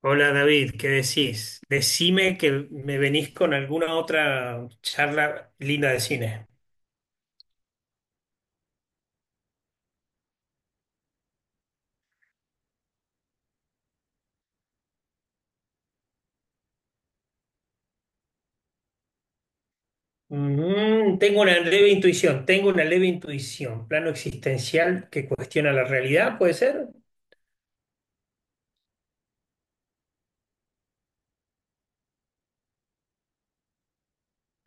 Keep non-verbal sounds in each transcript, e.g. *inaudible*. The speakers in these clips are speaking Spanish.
Hola David, ¿qué decís? Decime que me venís con alguna otra charla linda de cine. Tengo una leve intuición, tengo una leve intuición. Plano existencial que cuestiona la realidad, ¿puede ser?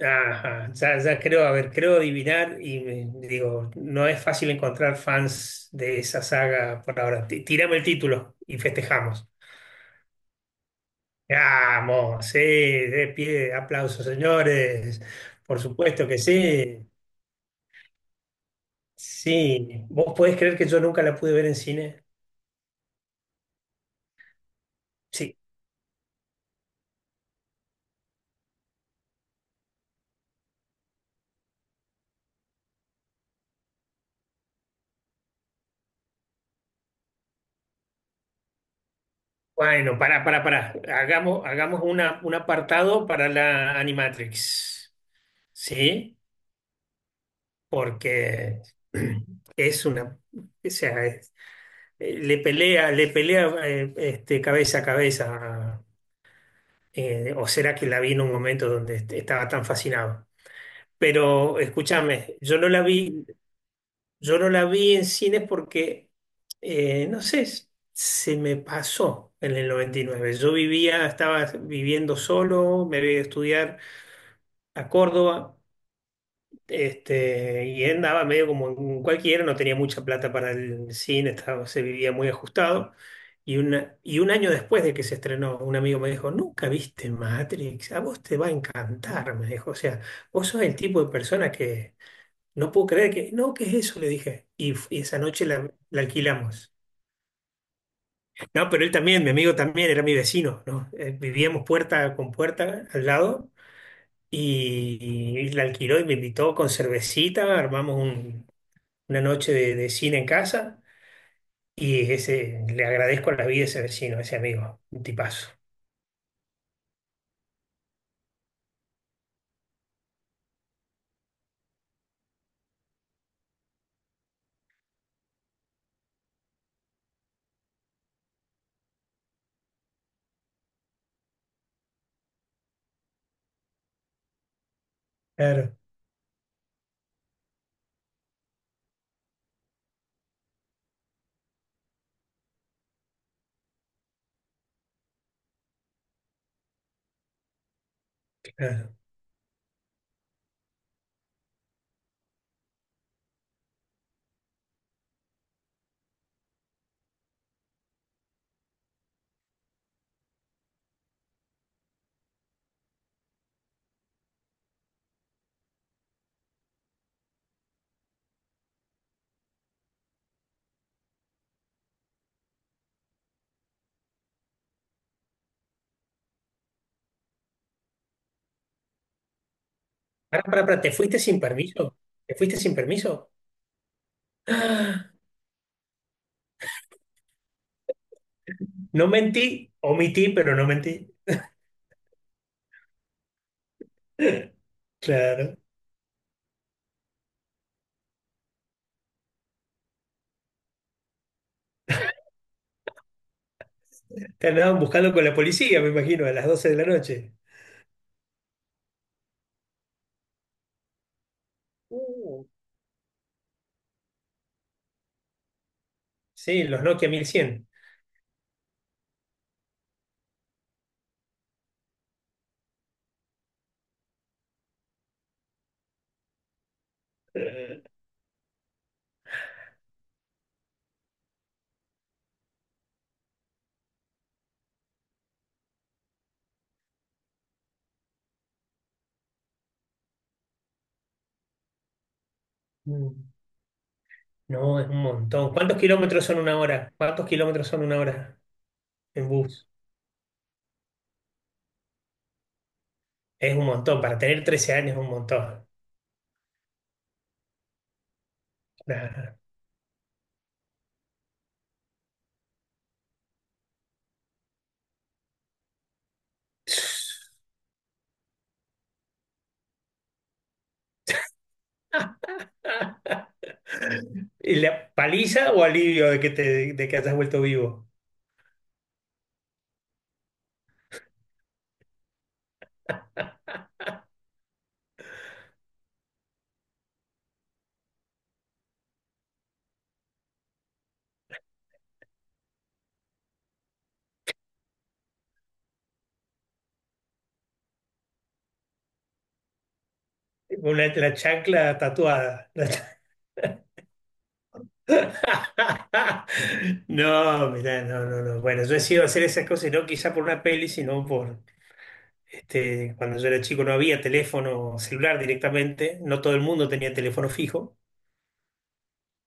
Ajá, ya, ya creo, a ver, creo adivinar y digo, no es fácil encontrar fans de esa saga por ahora. Tírame el título y festejamos. Vamos, sí, de pie, aplausos, señores. Por supuesto que sí. Sí, ¿vos podés creer que yo nunca la pude ver en cine? Sí. Bueno, pará, pará, pará. Hagamos, hagamos un apartado para la Animatrix. ¿Sí? Porque *clears throat* es una. O sea, le pelea, le pelea, cabeza a cabeza. O será que la vi en un momento donde estaba tan fascinado. Pero escúchame, yo no la vi. Yo no la vi en cines porque, no sé, se me pasó en el 99. Yo vivía, estaba viviendo solo, me había ido a estudiar a Córdoba, y andaba medio como en cualquiera, no tenía mucha plata para el cine, estaba, se vivía muy ajustado. Y un año después de que se estrenó, un amigo me dijo, ¿nunca viste Matrix? A vos te va a encantar, me dijo. O sea, vos sos el tipo de persona que... No puedo creer que, no, ¿qué es eso? Le dije. Y esa noche la alquilamos. No, pero él también, mi amigo también, era mi vecino, ¿no? Vivíamos puerta con puerta al lado y, y la alquiló y me invitó con cervecita, una noche de cine en casa y ese, le agradezco la vida a ese vecino, a ese amigo, un tipazo. Claro, claro. Pará, pará, pará, ¿te fuiste sin permiso? ¿Te fuiste sin permiso? *gasps* No mentí, omití, pero no mentí. *laughs* Claro. Te andaban buscando con la policía, me imagino, a las doce de la noche. Uh, Sí, los Nokia 1100. Eh, mm, No, es un montón. ¿Cuántos kilómetros son una hora? ¿Cuántos kilómetros son una hora en bus? Es un montón. Para tener 13 años es un montón. Nah. ¿Y la paliza o alivio de de que hayas vuelto vivo? Una, la chancla tatuada. *laughs* No, mirá, no, no, no. Bueno, yo he sido hacer esas cosas, y no quizá por una peli, sino por, cuando yo era chico no había teléfono celular directamente, no todo el mundo tenía teléfono fijo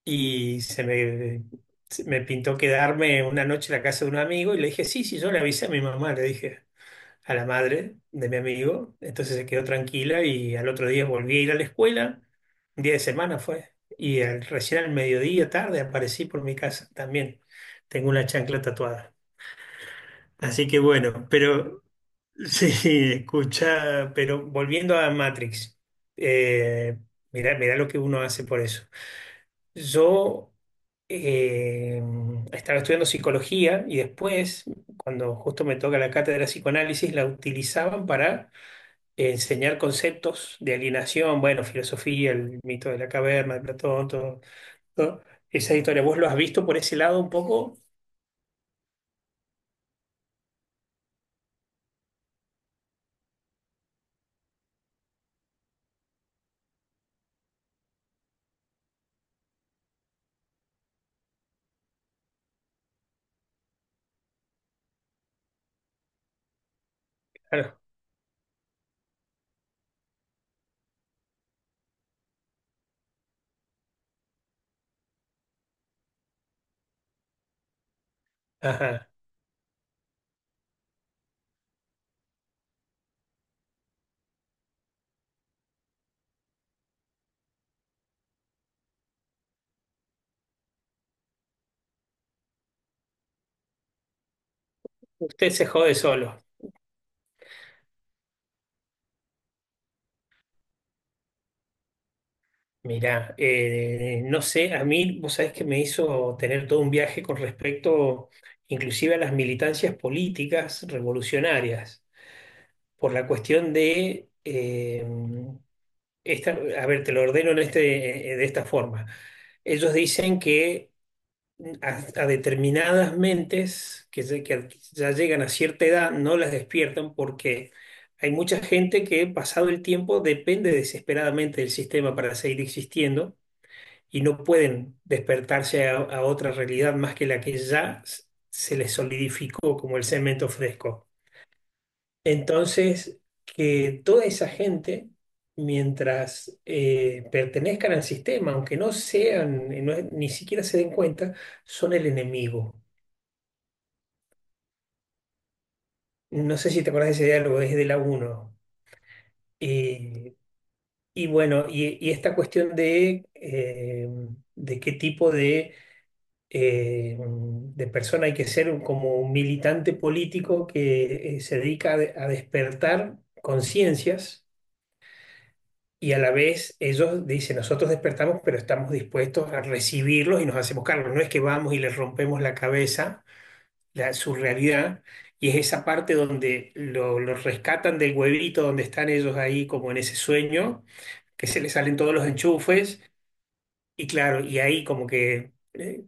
y se me pintó quedarme una noche en la casa de un amigo y le dije, sí, sí, yo le avisé a mi mamá, le dije a la madre de mi amigo, entonces se quedó tranquila y al otro día volví a ir a la escuela, un día de semana fue, y recién al mediodía tarde aparecí por mi casa también, tengo una chancla tatuada. Así que bueno, pero... Sí, escucha, pero volviendo a Matrix, eh, mirá, mirá lo que uno hace por eso. Yo eh, estaba estudiando psicología y después, cuando justo me toca la cátedra de psicoanálisis, la utilizaban para enseñar conceptos de alienación, bueno, filosofía, el mito de la caverna, de Platón, todo, todo. Esa historia, ¿vos lo has visto por ese lado un poco? Claro. Ajá. Usted se jode solo. Mirá, no sé, a mí vos sabés que me hizo tener todo un viaje con respecto inclusive a las militancias políticas revolucionarias, por la cuestión de, esta, a ver, te lo ordeno en de esta forma. Ellos dicen que a determinadas mentes que ya llegan a cierta edad no las despiertan porque hay mucha gente que pasado el tiempo depende desesperadamente del sistema para seguir existiendo y no pueden despertarse a otra realidad más que la que se les solidificó como el cemento fresco. Entonces, que toda esa gente, mientras pertenezcan al sistema, aunque no sean, ni siquiera se den cuenta, son el enemigo. No sé si te acuerdas de ese diálogo, es de la uno. Eh, y bueno, y esta cuestión de qué tipo de persona, hay que ser como un militante político que se dedica a despertar conciencias y a la vez ellos dicen, nosotros despertamos, pero estamos dispuestos a recibirlos y nos hacemos cargo. No es que vamos y les rompemos la cabeza, su realidad, y es esa parte donde los rescatan del huevito donde están ellos ahí como en ese sueño, que se les salen todos los enchufes y claro, y ahí como que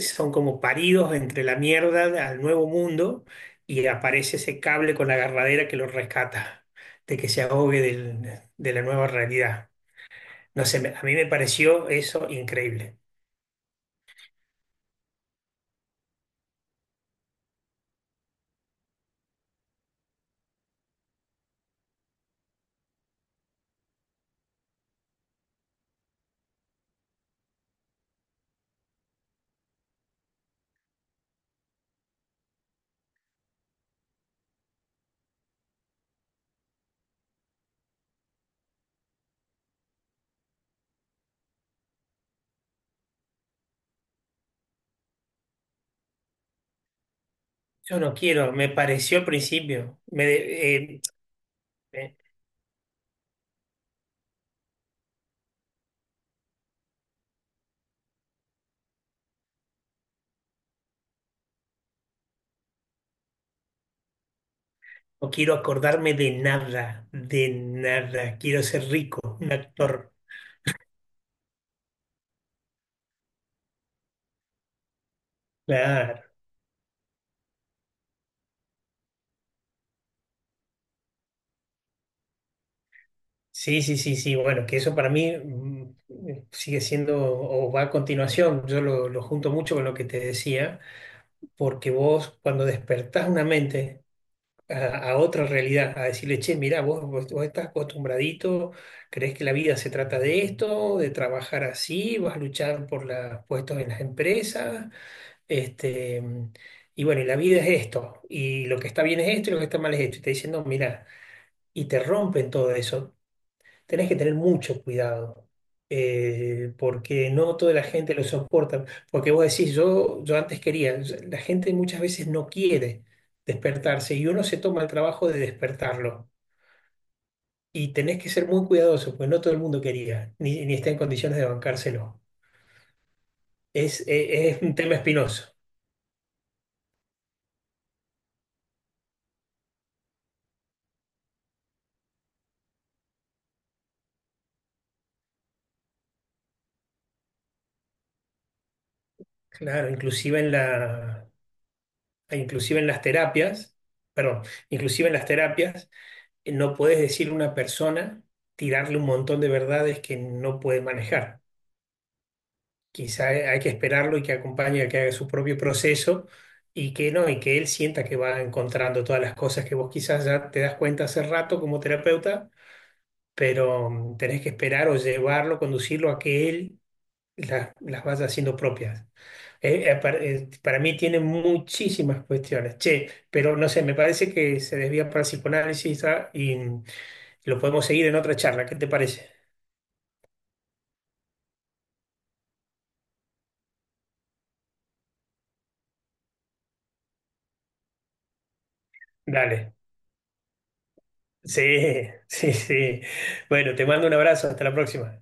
son como paridos entre la mierda al nuevo mundo y aparece ese cable con la agarradera que lo rescata, de que se ahogue de la nueva realidad. No sé, a mí me pareció eso increíble. Yo no quiero, me pareció al principio, eh, no quiero acordarme de nada, quiero ser rico, un actor. Claro. Sí, sí, sí, sí. Bueno, que eso para mí sigue siendo o va a continuación. Yo lo junto mucho con lo que te decía, porque vos cuando despertás una mente a otra realidad, a decirle, che, mirá, vos estás acostumbradito, crees que la vida se trata de esto, de trabajar así, vas a luchar por los puestos en las empresas, este, mm, y bueno, y la vida es esto, y lo que está bien es esto, y lo que está mal es esto. Y te diciendo, mirá, y te rompen todo eso, tenés que tener mucho cuidado, porque no toda la gente lo soporta. Porque vos decís, yo antes quería, la gente muchas veces no quiere despertarse y uno se toma el trabajo de despertarlo. Y tenés que ser muy cuidadoso, porque no todo el mundo quería, ni, ni está en condiciones de bancárselo. Es, es un tema espinoso. Claro, inclusive en las terapias, perdón, inclusive en las terapias. No puedes decirle a una persona, tirarle un montón de verdades que no puede manejar. Quizá hay que esperarlo y que acompañe a que haga su propio proceso y que no, y que él sienta que va encontrando todas las cosas que vos quizás ya te das cuenta hace rato como terapeuta, pero tenés que esperar o llevarlo, conducirlo a que él las vaya haciendo propias. Para mí tiene muchísimas cuestiones. Che, pero no sé, me parece que se desvía para el psicoanálisis y lo podemos seguir en otra charla, ¿qué te parece? Dale. Sí, *laughs* sí, sí. Bueno, te mando un abrazo, hasta la próxima.